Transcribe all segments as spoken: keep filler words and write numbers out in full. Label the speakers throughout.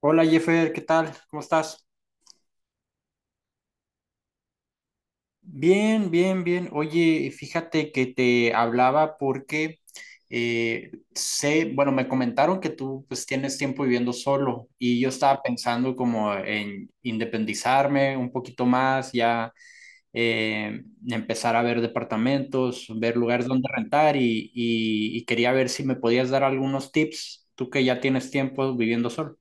Speaker 1: Hola Jeffer, ¿qué tal? ¿Cómo estás? Bien, bien, bien. Oye, fíjate que te hablaba porque eh, sé, bueno, me comentaron que tú pues tienes tiempo viviendo solo y yo estaba pensando como en independizarme un poquito más, ya eh, empezar a ver departamentos, ver lugares donde rentar y, y y quería ver si me podías dar algunos tips, tú que ya tienes tiempo viviendo solo.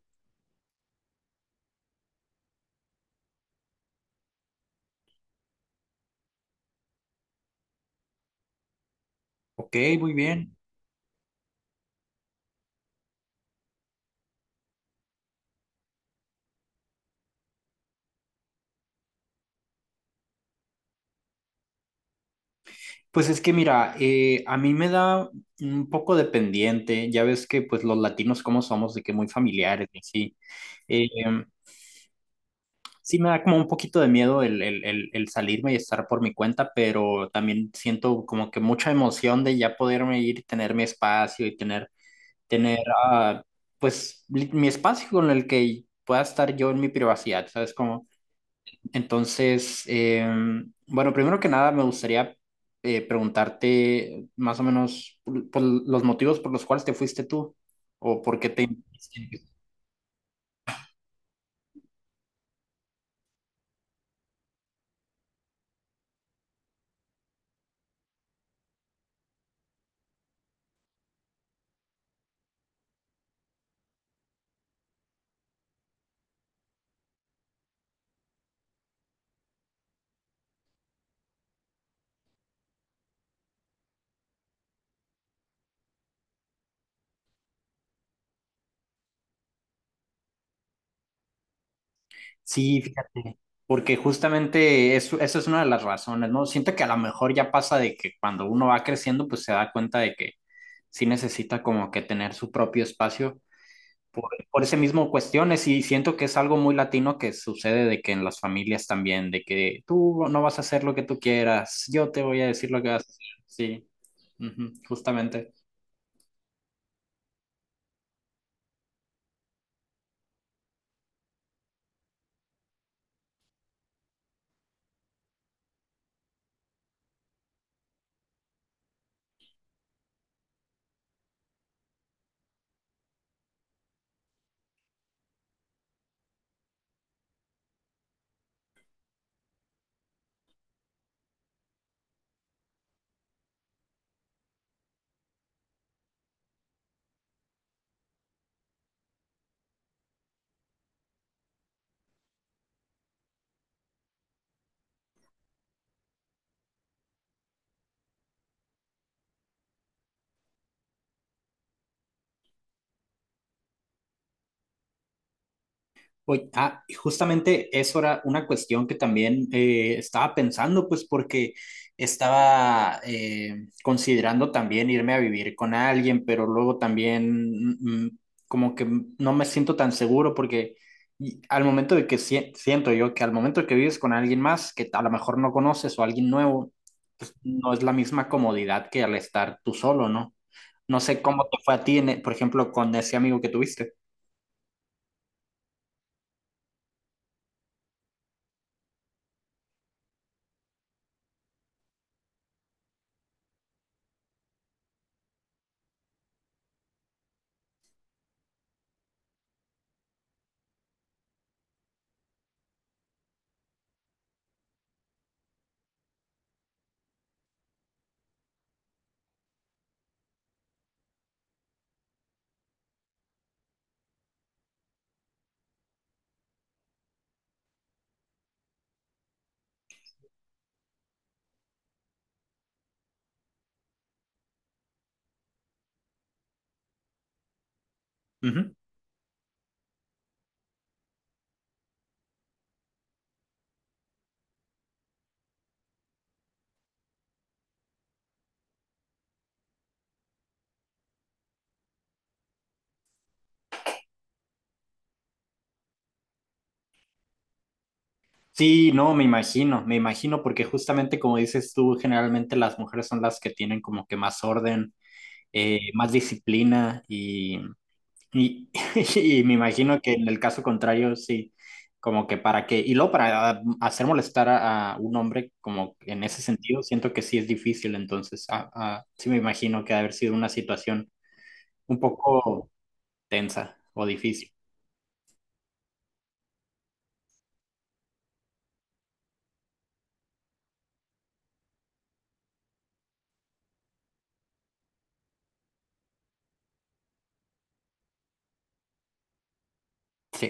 Speaker 1: Ok, muy bien. Pues es que mira, eh, a mí me da un poco de pendiente, ya ves que pues los latinos como somos, de que muy familiares y sí. Eh, em, sí me da como un poquito de miedo el, el, el, el salirme y estar por mi cuenta, pero también siento como que mucha emoción de ya poderme ir, y tener mi espacio y tener, tener ah, pues li- mi espacio con el que pueda estar yo en mi privacidad, ¿sabes? Como entonces, eh, bueno, primero que nada me gustaría eh, preguntarte más o menos por, por los motivos por los cuales te fuiste tú o por qué te... Sí, fíjate, porque justamente eso, eso es una de las razones, ¿no? Siento que a lo mejor ya pasa de que cuando uno va creciendo, pues se da cuenta de que sí necesita como que tener su propio espacio. por, por ese mismo cuestiones y siento que es algo muy latino que sucede de que en las familias también, de que tú no vas a hacer lo que tú quieras, yo te voy a decir lo que vas a hacer. Sí, ujú, justamente. Oye, ah, y justamente eso era una cuestión que también eh, estaba pensando, pues porque estaba eh, considerando también irme a vivir con alguien, pero luego también mm, mm, como que no me siento tan seguro porque y al momento de que sie- siento yo que al momento que vives con alguien más que a lo mejor no conoces o alguien nuevo, pues no es la misma comodidad que al estar tú solo, ¿no? No sé cómo te fue a ti, en e- por ejemplo, con ese amigo que tuviste. Sí, no, me imagino, me imagino, porque justamente como dices tú, generalmente las mujeres son las que tienen como que más orden, eh, más disciplina y, y, y me imagino que en el caso contrario, sí, como que para qué, y luego para hacer molestar a, a un hombre, como en ese sentido, siento que sí es difícil, entonces ah, ah, sí me imagino que ha de haber sido una situación un poco tensa o difícil. Sí,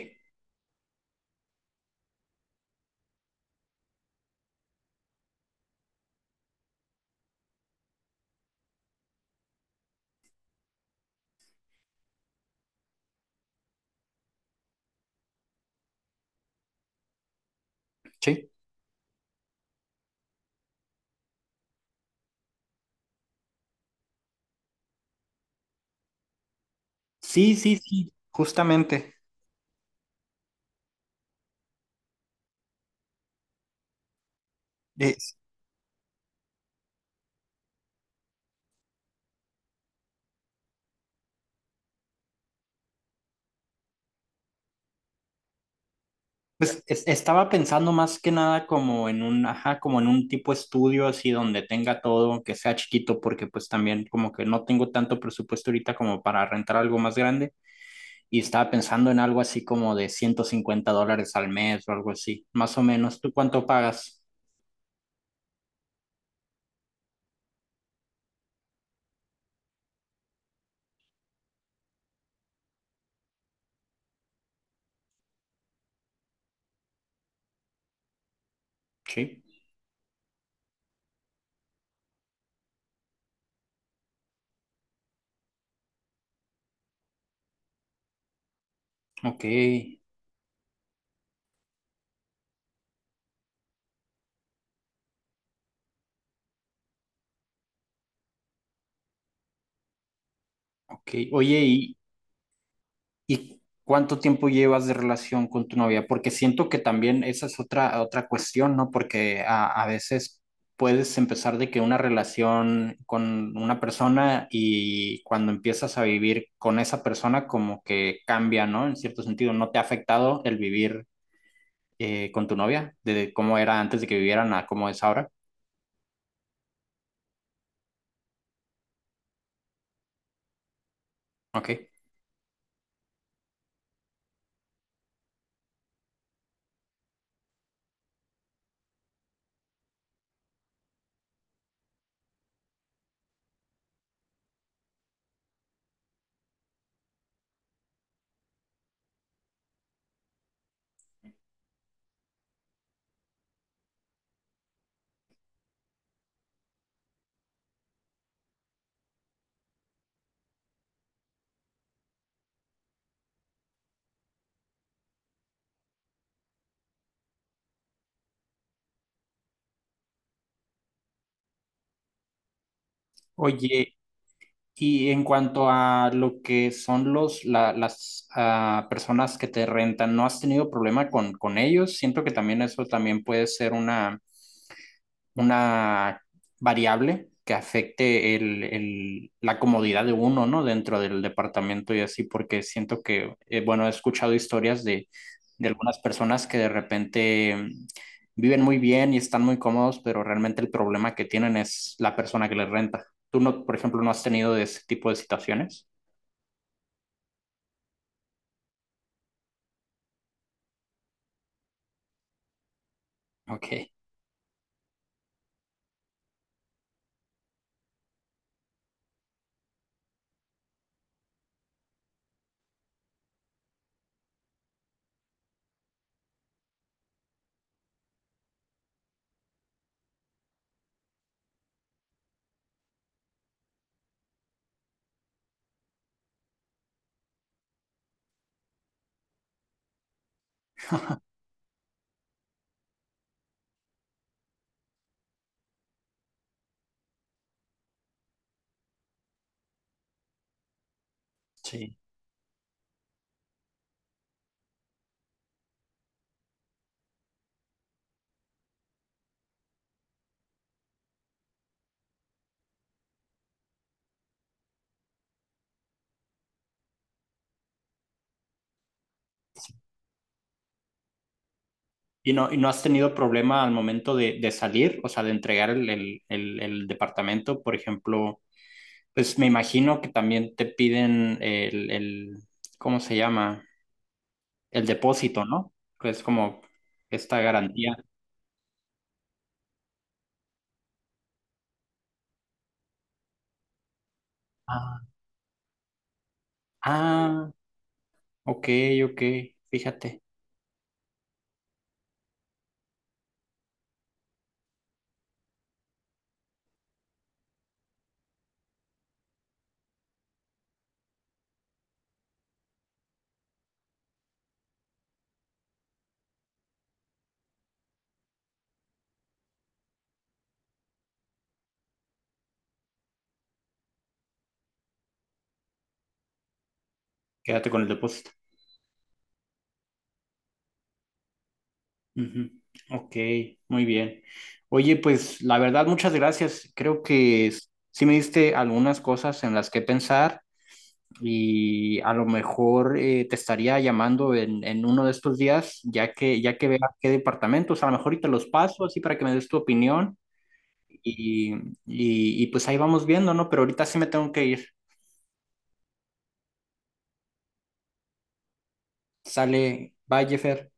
Speaker 1: sí, sí, sí, sí, justamente. Pues es- estaba pensando más que nada como en un, ajá, como en un tipo estudio así donde tenga todo, aunque sea chiquito, porque pues también como que no tengo tanto presupuesto ahorita como para rentar algo más grande y estaba pensando en algo así como de ciento cincuenta dólares al mes o algo así, más o menos. ¿Tú cuánto pagas? Sí. Ok, ok. Oye, ¿y, ¿y cuánto tiempo llevas de relación con tu novia? Porque siento que también esa es otra, otra cuestión, ¿no? Porque a, a veces puedes empezar de que una relación con una persona y cuando empiezas a vivir con esa persona como que cambia, ¿no? En cierto sentido, ¿no te ha afectado el vivir eh, con tu novia? De cómo era antes de que vivieran a cómo es ahora. Ok. Oye, y en cuanto a lo que son los, la- las ah, personas que te rentan, ¿no has tenido problema con, con ellos? Siento que también eso también puede ser una, una variable que afecte el, el- la comodidad de uno, ¿no? Dentro del departamento y así, porque siento que, eh, bueno, he escuchado historias de, de algunas personas que de repente mm, viven muy bien y están muy cómodos, pero realmente el problema que tienen es la persona que les renta. ¿Tú no, por ejemplo, no has tenido de ese tipo de situaciones? Ok, sí. ¿Y no, y no has tenido problema al momento de, de salir, o sea, de entregar el, el, el, el departamento, por ejemplo? Pues me imagino que también te piden el, el, ¿cómo se llama? El depósito, ¿no? Pues como esta garantía. Ah, ah, ok, ok, fíjate, quédate con el depósito. Ujú, ok, muy bien. Oye, pues la verdad, muchas gracias. Creo que s- sí me diste algunas cosas en las que pensar. Y a lo mejor eh, te estaría llamando en, en uno de estos días, ya que, ya que veas qué departamentos, a lo mejor y te los paso así para que me des tu opinión y, y, y pues ahí vamos viendo, ¿no? Pero ahorita sí me tengo que ir. Sale, bye, Jeffer.